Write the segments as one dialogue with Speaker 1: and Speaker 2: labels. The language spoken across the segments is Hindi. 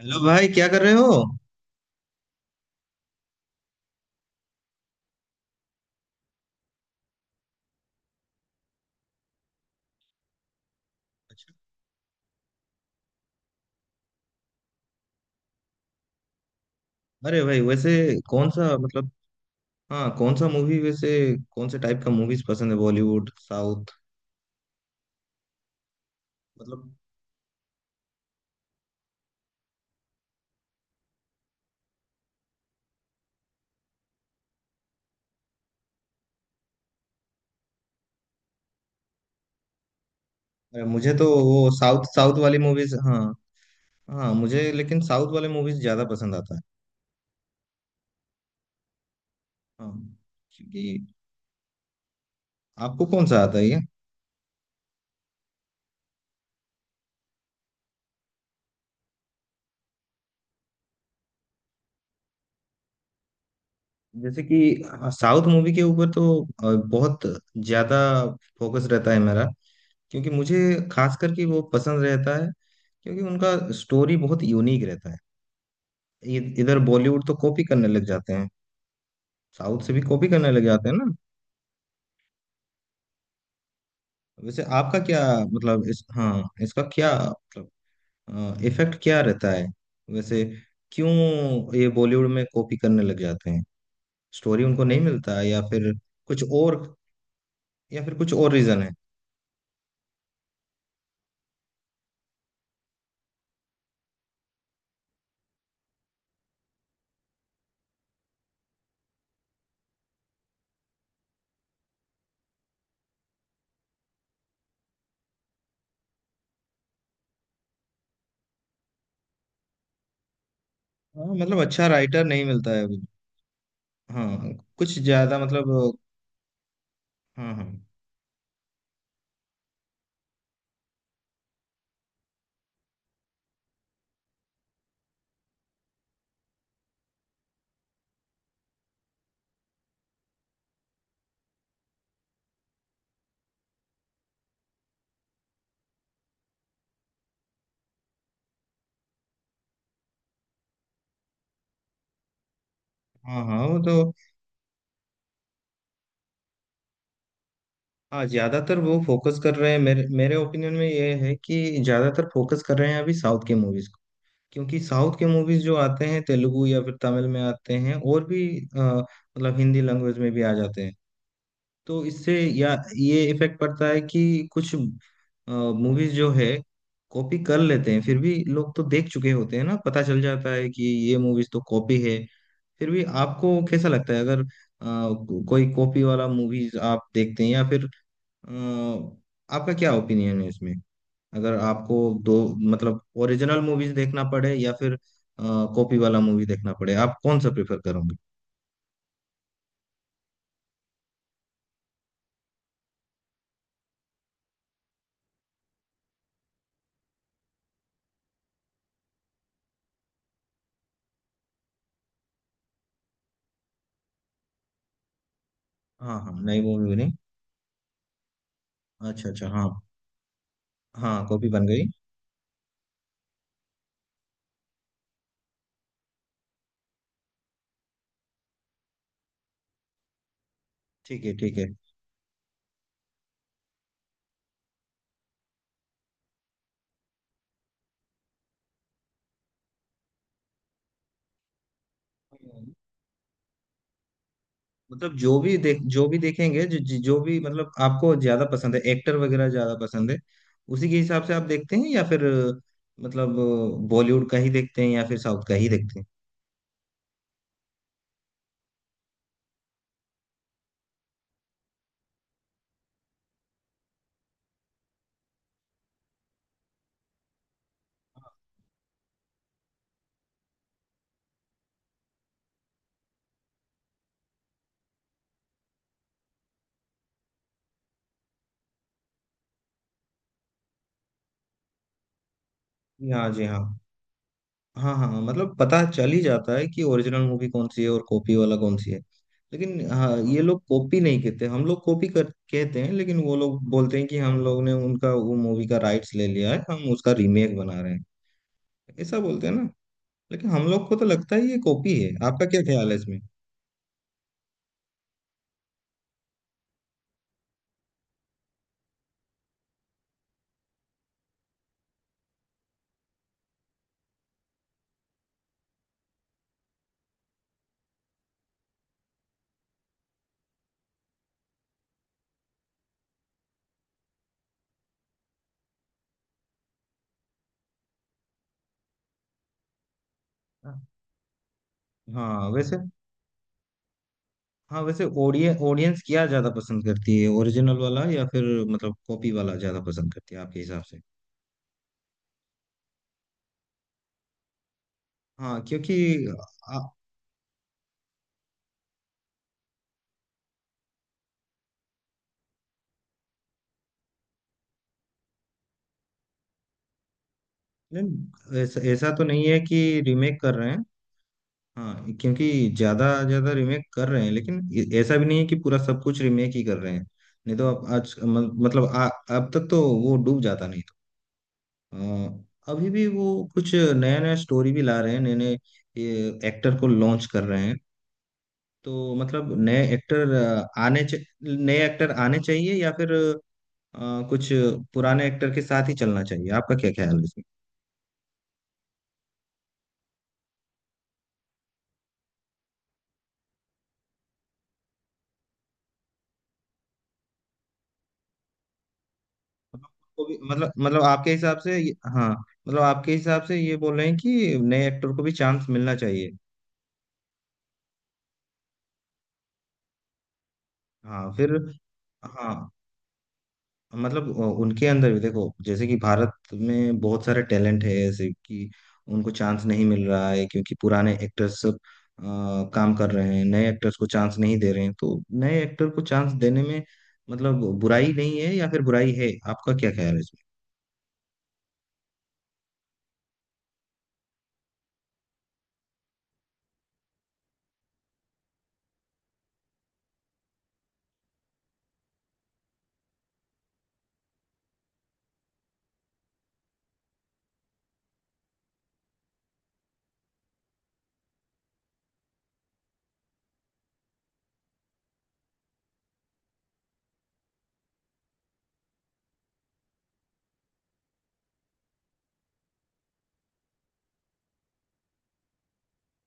Speaker 1: हेलो भाई, क्या कर रहे हो? अच्छा। अरे भाई, वैसे कौन सा, मतलब, हाँ, कौन सा मूवी वैसे? कौन से टाइप का मूवीज पसंद है, बॉलीवुड, साउथ? मतलब, अरे, मुझे तो वो साउथ साउथ वाली मूवीज। हाँ। हाँ मुझे लेकिन साउथ वाले मूवीज ज्यादा पसंद आता है। हाँ, क्योंकि आपको कौन सा आता है ये? जैसे कि साउथ मूवी के ऊपर तो बहुत ज्यादा फोकस रहता है मेरा, क्योंकि मुझे खास करके वो पसंद रहता है, क्योंकि उनका स्टोरी बहुत यूनिक रहता है। इधर बॉलीवुड तो कॉपी करने लग जाते हैं, साउथ से भी कॉपी करने लग जाते हैं ना। वैसे आपका क्या? मतलब इस हाँ, इसका क्या मतलब? इफेक्ट क्या रहता है वैसे? क्यों ये बॉलीवुड में कॉपी करने लग जाते हैं? स्टोरी उनको नहीं मिलता है या फिर कुछ और? या फिर कुछ और रीजन है? हाँ, मतलब अच्छा राइटर नहीं मिलता है अभी। हाँ, कुछ ज्यादा मतलब। हाँ हाँ। हाँ। हाँ वो तो। हाँ, ज्यादातर वो फोकस कर रहे हैं, मेरे मेरे ओपिनियन में ये है कि ज्यादातर फोकस कर रहे हैं अभी साउथ की मूवीज। क्योंकि साउथ के मूवीज जो आते हैं तेलुगु या फिर तमिल में आते हैं, और भी मतलब हिंदी लैंग्वेज में भी आ जाते हैं। तो इससे या ये इफेक्ट पड़ता है कि कुछ मूवीज जो है कॉपी कर लेते हैं, फिर भी लोग तो देख चुके होते हैं ना, पता चल जाता है कि ये मूवीज तो कॉपी है। फिर भी आपको कैसा लगता है अगर कोई कॉपी वाला मूवीज आप देखते हैं या फिर? अ, आपका क्या ओपिनियन है इसमें? अगर आपको दो, मतलब ओरिजिनल मूवीज देखना पड़े या फिर कॉपी वाला मूवी देखना पड़े, आप कौन सा प्रेफर करोगे? हाँ हाँ, नई मूवी नहीं। अच्छा अच्छा, हाँ। हाँ, कॉपी बन गई। ठीक है, ठीक है। मतलब जो भी देखेंगे, जो जो भी मतलब आपको ज्यादा पसंद है, एक्टर वगैरह ज्यादा पसंद है, उसी के हिसाब से आप देखते हैं या फिर मतलब बॉलीवुड का ही देखते हैं या फिर साउथ का ही देखते हैं? जी हाँ, जी हाँ। हाँ हाँ, मतलब पता चल ही जाता है कि ओरिजिनल मूवी कौन सी है और कॉपी वाला कौन सी है। लेकिन हाँ, ये लोग कॉपी नहीं कहते, हम लोग कॉपी कर कहते हैं, लेकिन वो लोग बोलते हैं कि हम लोग ने उनका वो मूवी का राइट्स ले लिया है, हम उसका रीमेक बना रहे हैं। ऐसा बोलते हैं ना। लेकिन हम लोग को तो लगता है ये कॉपी है, आपका क्या ख्याल है इसमें? हाँ वैसे। हाँ वैसे, ऑडियंस ऑडियंस क्या ज्यादा पसंद करती है, ओरिजिनल वाला या फिर मतलब कॉपी वाला ज्यादा पसंद करती है, आपके हिसाब से? हाँ, क्योंकि नहीं, ऐसा ऐसा तो नहीं है कि रीमेक कर रहे हैं। हाँ, क्योंकि ज्यादा ज्यादा रीमेक कर रहे हैं, लेकिन ऐसा भी नहीं है कि पूरा सब कुछ रीमेक ही कर रहे हैं। नहीं तो अब आज मतलब अब तक तो वो डूब जाता नहीं था। अ, अभी भी वो कुछ नया नया स्टोरी भी ला रहे हैं, नए नए एक्टर को लॉन्च कर रहे हैं। तो मतलब नए एक्टर आने च, नए एक्टर आने चाहिए या फिर अ, कुछ पुराने एक्टर के साथ ही चलना चाहिए? आपका क्या ख्याल है? मतलब को भी मतलब आपके हिसाब से हाँ, मतलब आपके हिसाब से ये बोल रहे हैं कि नए एक्टर को भी चांस मिलना चाहिए? हाँ फिर हाँ, मतलब उनके अंदर भी देखो, जैसे कि भारत में बहुत सारे टैलेंट है, ऐसे कि उनको चांस नहीं मिल रहा है क्योंकि पुराने एक्टर्स सब अ, काम कर रहे हैं, नए एक्टर्स को चांस नहीं दे रहे हैं। तो नए एक्टर को चांस देने में मतलब बुराई नहीं है या फिर बुराई है? आपका क्या ख्याल है इसमें?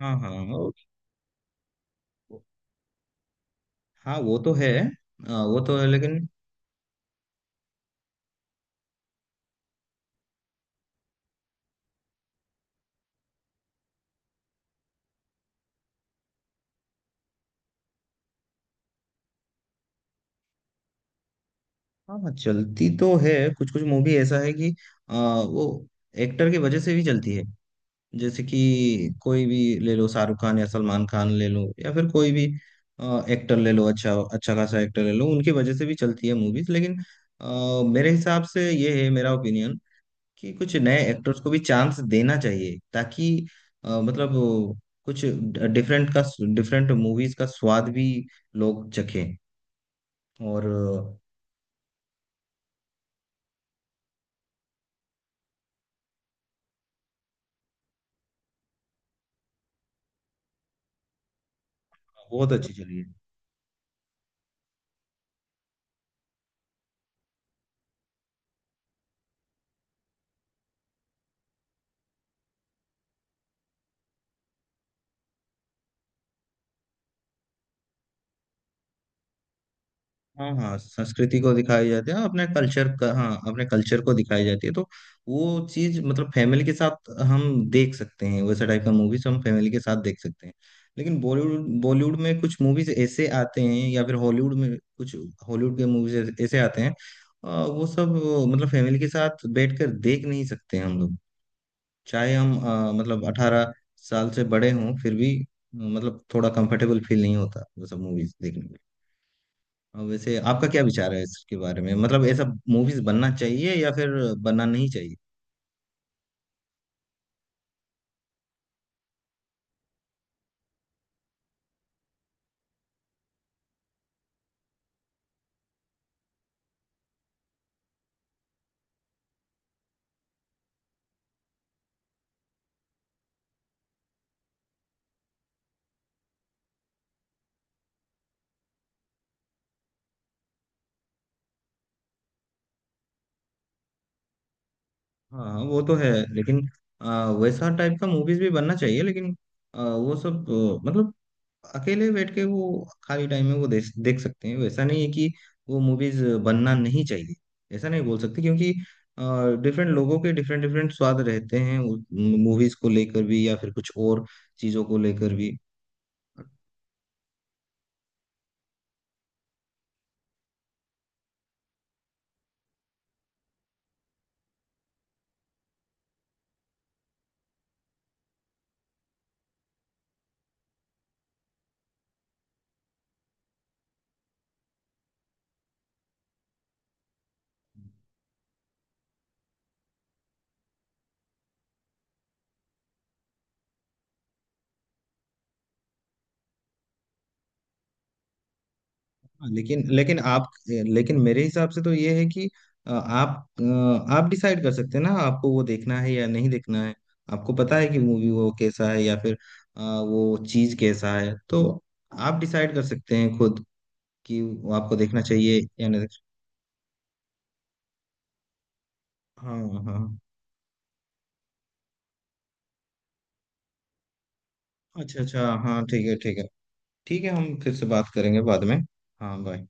Speaker 1: हाँ हाँ और- हाँ वो तो है। वो तो है लेकिन। हाँ हाँ, चलती तो है। कुछ कुछ मूवी ऐसा है कि आ, वो एक्टर की वजह से भी चलती है। जैसे कि कोई भी ले लो, शाहरुख खान या सलमान खान ले लो या फिर कोई भी एक्टर ले लो, अच्छा अच्छा खासा एक्टर ले लो, उनकी वजह से भी चलती है मूवीज। लेकिन मेरे हिसाब से ये है मेरा ओपिनियन, कि कुछ नए एक्टर्स को भी चांस देना चाहिए, ताकि मतलब वो कुछ डिफरेंट का, डिफरेंट मूवीज का स्वाद भी लोग चखें। और बहुत अच्छी चली है। हाँ हाँ, संस्कृति को दिखाई जाती है, अपने कल्चर का, हाँ, अपने कल्चर को दिखाई जाती है। तो वो चीज मतलब फैमिली के साथ हम देख सकते हैं, वैसे टाइप का मूवीज हम फैमिली के साथ देख सकते हैं। लेकिन बॉलीवुड बॉलीवुड में कुछ मूवीज ऐसे आते हैं या फिर हॉलीवुड में कुछ, हॉलीवुड के मूवीज ऐसे आते हैं। वो सब मतलब फैमिली के साथ बैठ कर देख नहीं सकते हम लोग। चाहे हम मतलब 18 साल से बड़े हों, फिर भी मतलब थोड़ा कंफर्टेबल फील नहीं होता वो सब मूवीज देखने में। और वैसे आपका क्या विचार है इसके बारे में, मतलब ऐसा मूवीज बनना चाहिए या फिर बनना नहीं चाहिए? हाँ हाँ, वो तो है लेकिन वैसा टाइप का मूवीज भी बनना चाहिए, लेकिन वो सब मतलब अकेले बैठ के वो, खाली टाइम में वो देख देख सकते हैं। वैसा नहीं है कि वो मूवीज बनना नहीं चाहिए, ऐसा नहीं बोल सकते, क्योंकि डिफरेंट लोगों के डिफरेंट डिफरेंट स्वाद रहते हैं मूवीज को लेकर भी या फिर कुछ और चीजों को लेकर भी। हाँ, लेकिन लेकिन आप लेकिन मेरे हिसाब से तो ये है कि आप, आप डिसाइड कर सकते हैं ना आपको वो देखना है या नहीं देखना है। आपको पता है कि मूवी वो कैसा है या फिर वो चीज कैसा है, तो आप डिसाइड कर सकते हैं खुद कि वो आपको देखना चाहिए या नहीं। हाँ हाँ। अच्छा अच्छा, हाँ, ठीक है, ठीक है। ठीक है, हम फिर से बात करेंगे बाद में। हाँ, बाय।